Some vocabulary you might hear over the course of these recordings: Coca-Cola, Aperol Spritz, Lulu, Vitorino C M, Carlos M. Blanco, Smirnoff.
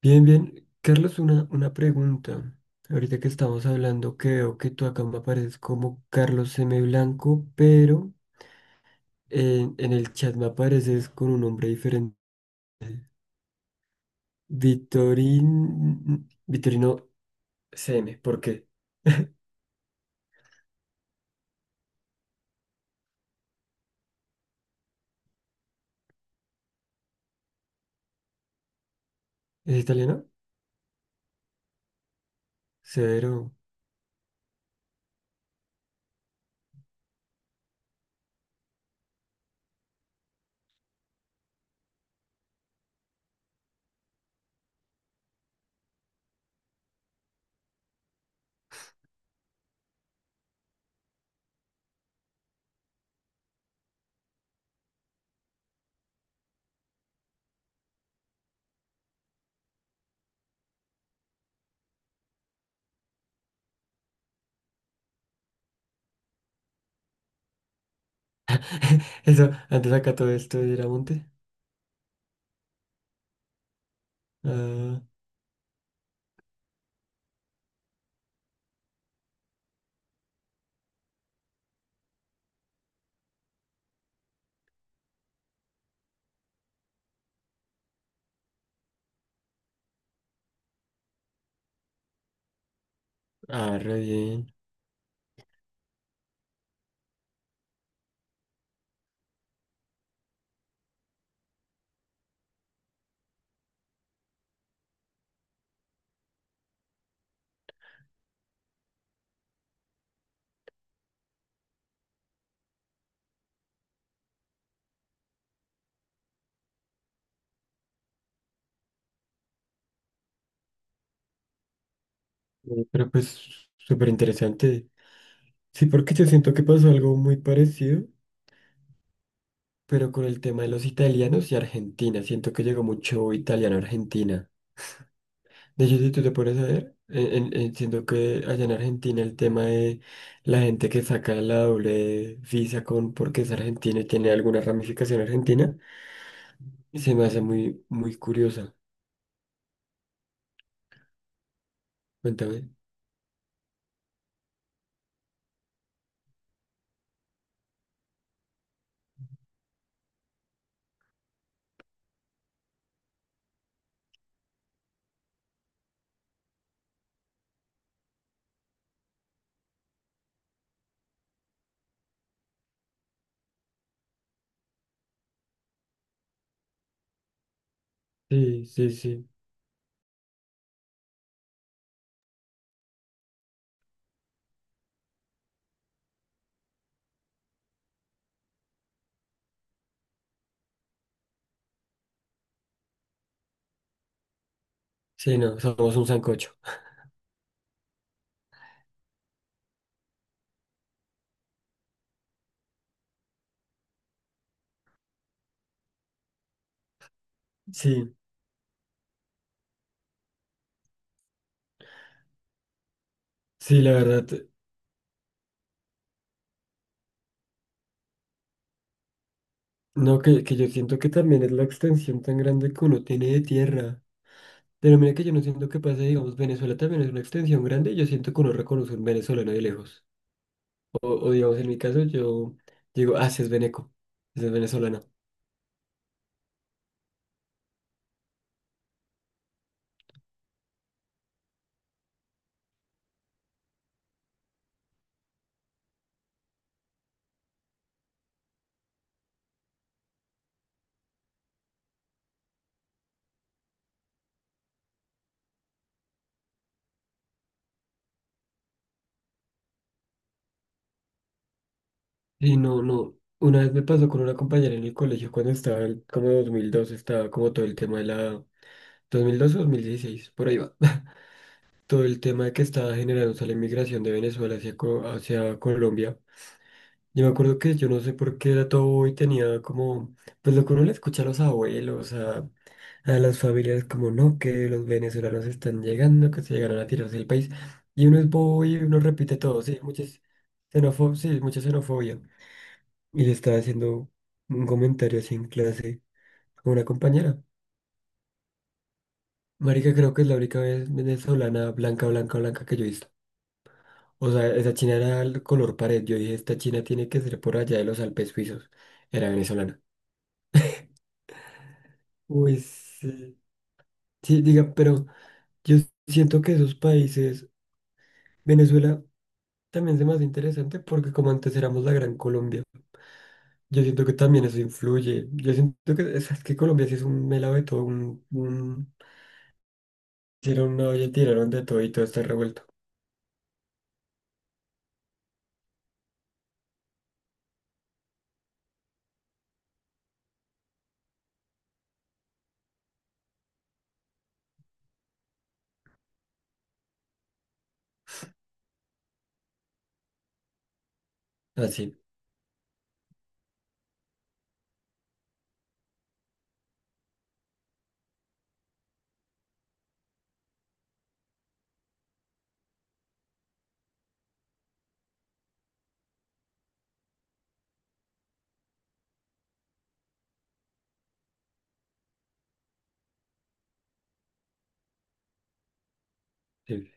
Bien, bien. Carlos, una pregunta. Ahorita que estamos hablando, que veo que tú acá me apareces como Carlos M. Blanco, pero en el chat me apareces con un nombre diferente. Vitorino C M. ¿Por qué? ¿Es italiano? Severo. Eso, antes acá todo esto era monte. Ah, ah, re bien. Pero pues súper interesante. Sí, porque yo siento que pasó algo muy parecido. Pero con el tema de los italianos y Argentina, siento que llegó mucho italiano a Argentina. De hecho, si tú te pones a ver, siento que allá en Argentina el tema de la gente que saca la doble visa con porque es argentina y tiene alguna ramificación argentina, se me hace muy, muy curiosa. Cuéntame. Sí, sí, sí. Sí, no, somos un sancocho. Sí, sí, la verdad. No, que yo siento que también es la extensión tan grande que uno tiene de tierra. Pero mira que yo no siento que pase, digamos, Venezuela también es una extensión grande, yo siento que uno reconoce un venezolano de lejos. O digamos, en mi caso, yo digo, ah, sí es veneco, sí es venezolana. Y no, no, una vez me pasó con una compañera en el colegio cuando estaba, como 2002, estaba como todo el tema de la... 2012, 2016, por ahí va. Todo el tema de que estaba generándose la inmigración de Venezuela hacia, hacia Colombia. Yo me acuerdo que yo no sé por qué era todo y tenía como, pues lo que uno le escucha a los abuelos, a las familias como no, que los venezolanos están llegando, que se llegaron a tirarse el país. Y uno es bobo y uno repite todo, sí, muchas xenofo sí, mucha xenofobia. Y le estaba haciendo un comentario así en clase a una compañera. Marica, creo que es la única vez venezolana blanca, blanca, blanca que yo he visto. O sea, esa china era el color pared. Yo dije, esta china tiene que ser por allá de los Alpes suizos. Era venezolana. Uy, sí. Sí, diga, pero yo siento que esos países, Venezuela. También se me hace interesante porque como antes éramos la Gran Colombia, yo siento que también eso influye. Yo siento que es que Colombia sí es un melado de todo, un hicieron una olla y tiraron de todo y todo está revuelto. Así, sí.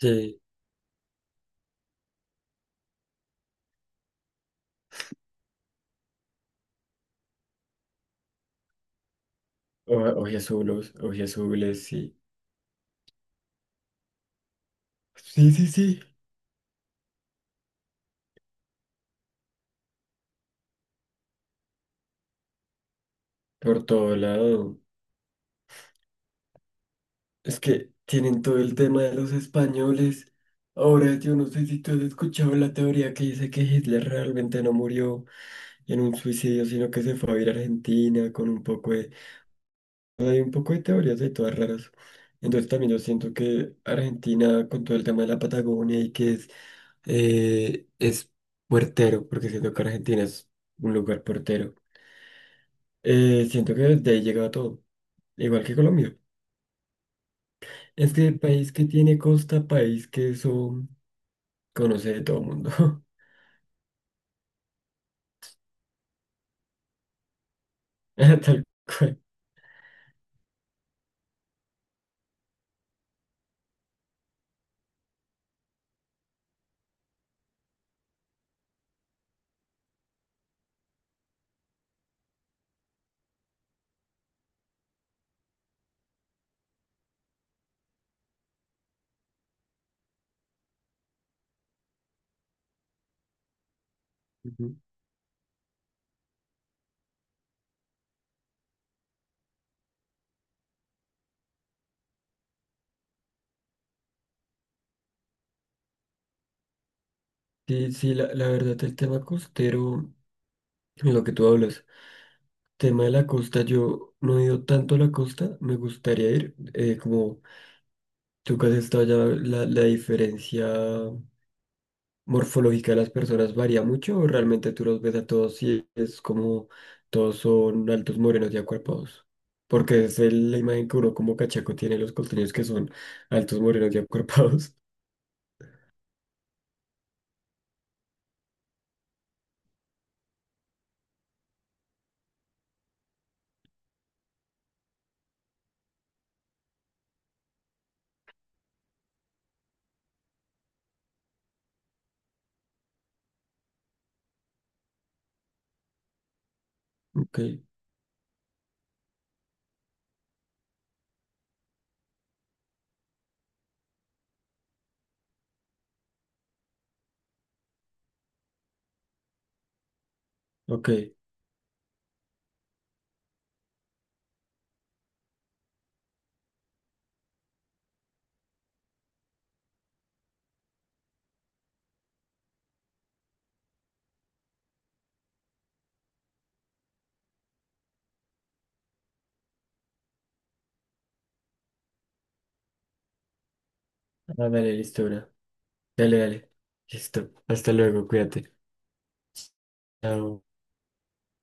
Sí. O, oye azules, sí. Sí, sí, sí. Por todo lado. Es que tienen todo el tema de los españoles. Ahora yo no sé si tú has escuchado la teoría que dice que Hitler realmente no murió en un suicidio, sino que se fue a ir a Argentina con un poco de Hay un poco de teorías de todas raras. Entonces también yo siento que Argentina, con todo el tema de la Patagonia y que es puertero, porque siento que Argentina es un lugar puertero, siento que desde ahí llega todo, igual que Colombia. Es que el país que tiene costa, país que eso conoce de todo el mundo. Tal cual. Ujú. Sí, sí, la verdad, el tema costero, lo que tú hablas. Tema de la costa, yo no he ido tanto a la costa, me gustaría ir, como tú que has estado allá, la diferencia morfológica de las personas varía mucho, o realmente tú los ves a todos y es como todos son altos, morenos y acuerpados, porque es la imagen que uno como cachaco tiene de los costeños que son altos, morenos y acuerpados. Ok, ok, ah, dale, listo, una. Dale, dale, listo, hasta luego, cuídate. Chao.